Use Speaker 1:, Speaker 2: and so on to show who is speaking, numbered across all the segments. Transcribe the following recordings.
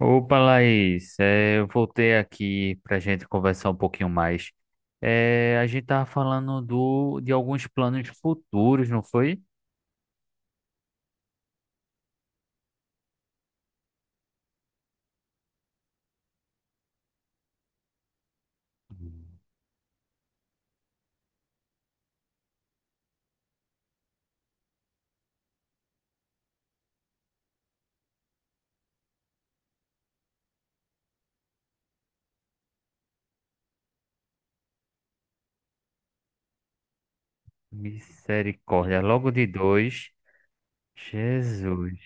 Speaker 1: Opa, Laís, eu voltei aqui para a gente conversar um pouquinho mais. A gente estava falando de alguns planos futuros, não foi? Misericórdia, logo de dois. Jesus.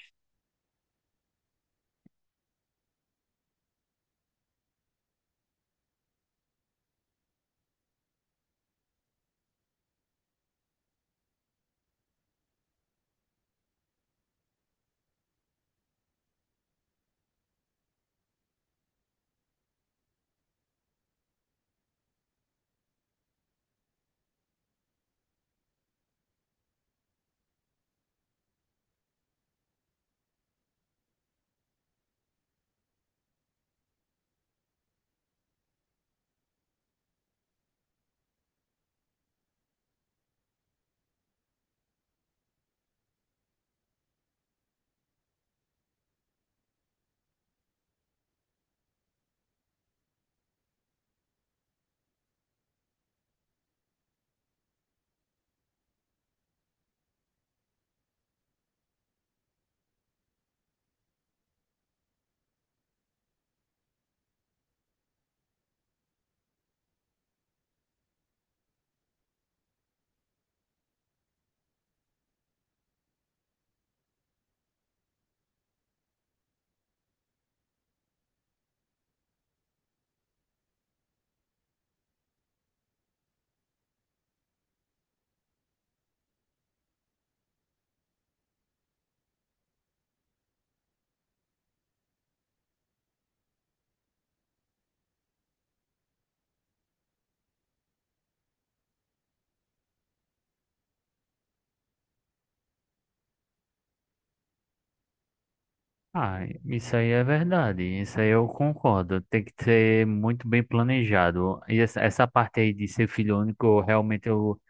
Speaker 1: Ah, isso aí é verdade, isso aí eu concordo. Tem que ser muito bem planejado. E essa parte aí de ser filho único, eu realmente eu,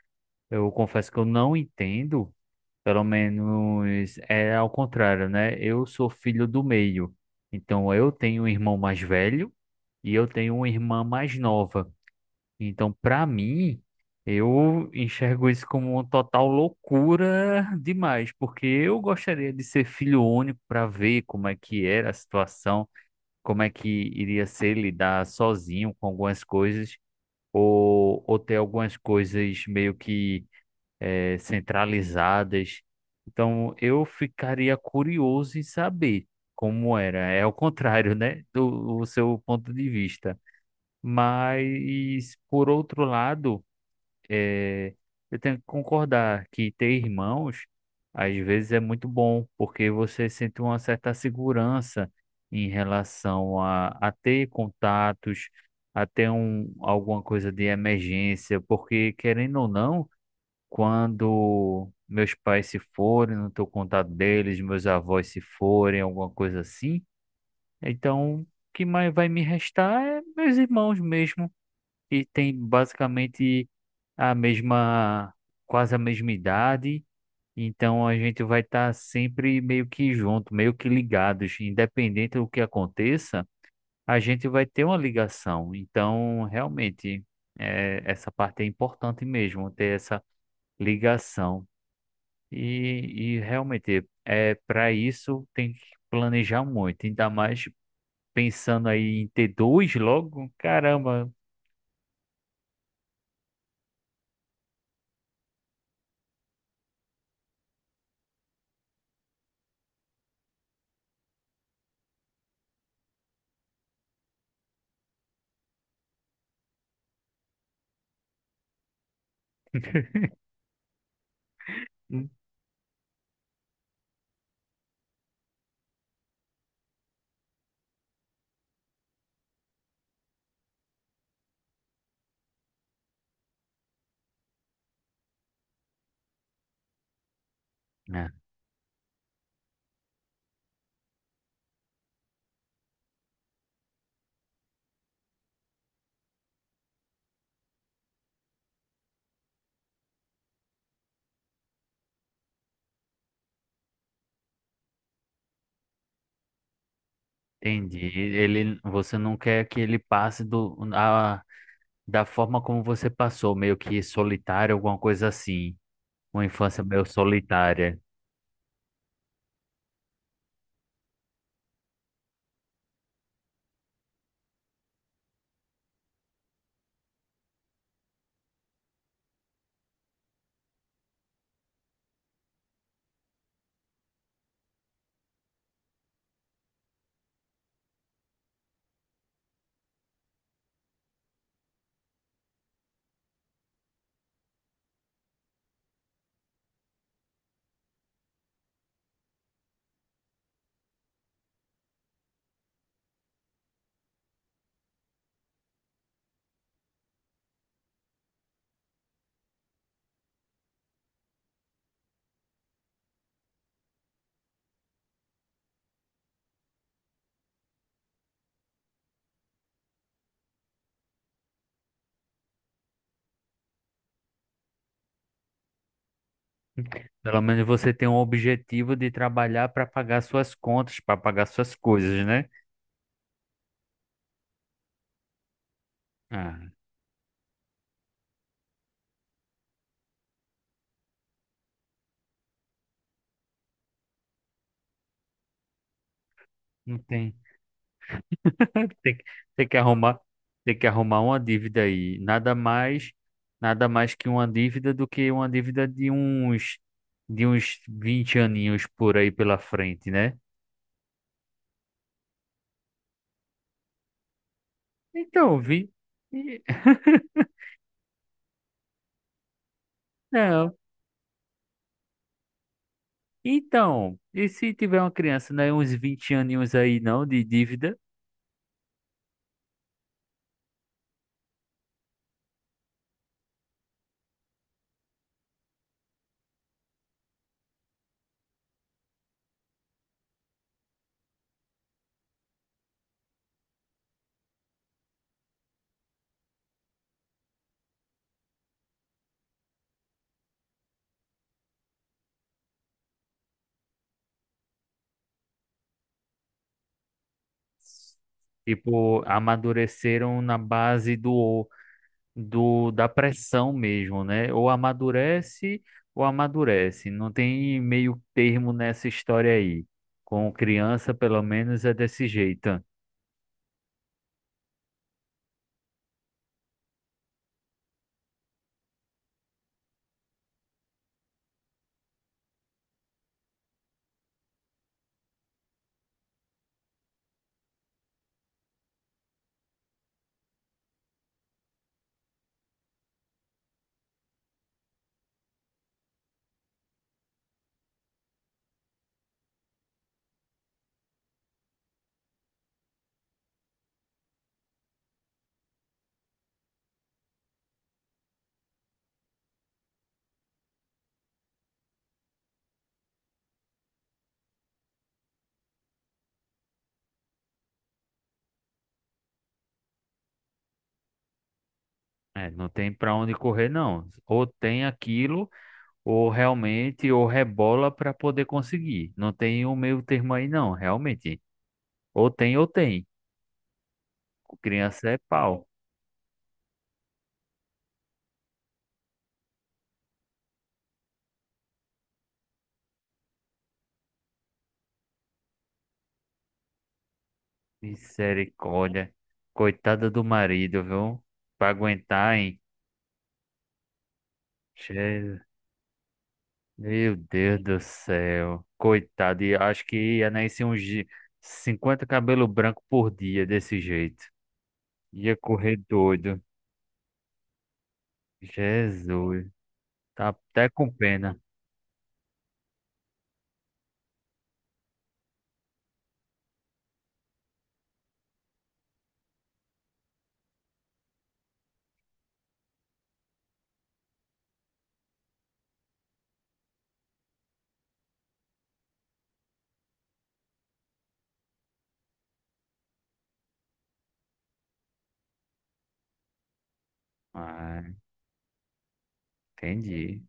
Speaker 1: eu confesso que eu não entendo. Pelo menos é ao contrário, né? Eu sou filho do meio. Então eu tenho um irmão mais velho e eu tenho uma irmã mais nova. Então, para mim, eu enxergo isso como uma total loucura demais, porque eu gostaria de ser filho único para ver como é que era a situação, como é que iria ser lidar sozinho com algumas coisas ou ter algumas coisas meio que centralizadas. Então, eu ficaria curioso em saber como era. É o contrário, né, do seu ponto de vista. Mas, por outro lado, eh, eu tenho que concordar que ter irmãos, às vezes, é muito bom, porque você sente uma certa segurança em relação a ter contatos, a ter um, alguma coisa de emergência, porque, querendo ou não, quando meus pais se forem, não estou contato deles, meus avós se forem, alguma coisa assim. Então, o que mais vai me restar é meus irmãos mesmo, que tem basicamente a mesma, quase a mesma idade. Então, a gente vai estar sempre meio que junto, meio que ligados, independente do que aconteça, a gente vai ter uma ligação. Então, realmente, é, essa parte é importante mesmo, ter essa ligação. E realmente, é, para isso tem que planejar muito, ainda mais pensando aí em ter dois logo, caramba. Hum. É, entendi. Ele, você não quer que ele passe do, a, da forma como você passou, meio que solitário, alguma coisa assim. Uma infância meio solitária. Pelo menos você tem um objetivo de trabalhar para pagar suas contas, para pagar suas coisas, né? Ah, não tem. Tem que, tem que arrumar, tem que arrumar uma dívida aí. Nada mais que uma dívida do que uma dívida de uns 20 aninhos por aí pela frente, né? Então, vi. e- Não. Então, e se tiver uma criança, né, uns 20 aninhos aí não de dívida, tipo, amadureceram na base do, do da pressão mesmo, né? Ou amadurece ou amadurece. Não tem meio termo nessa história aí. Com criança, pelo menos, é desse jeito. É, não tem para onde correr, não. Ou tem aquilo, ou realmente, ou rebola para poder conseguir. Não tem um meio termo aí, não, realmente. Ou tem, ou tem. Criança é pau. Misericórdia. Coitada do marido, viu? Para aguentar, hein? Meu Deus do céu. Coitado, e acho que ia nascer 50 cabelo branco por dia desse jeito. Ia correr doido. Jesus. Tá até com pena. Ah, entendi.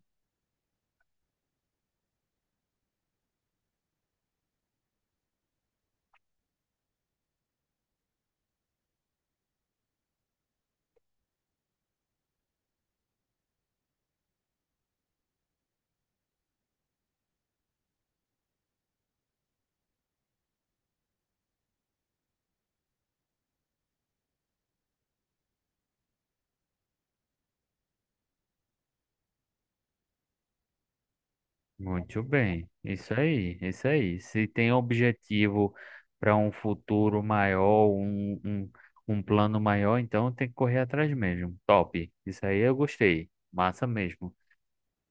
Speaker 1: Muito bem. Isso aí, isso aí. Se tem objetivo para um futuro maior, um plano maior, então tem que correr atrás mesmo. Top. Isso aí eu gostei. Massa mesmo.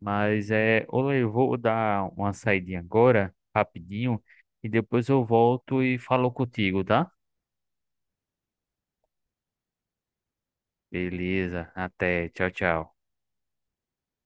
Speaker 1: Mas é, olha, eu vou dar uma saidinha agora, rapidinho, e depois eu volto e falo contigo, tá? Beleza, até, tchau, tchau.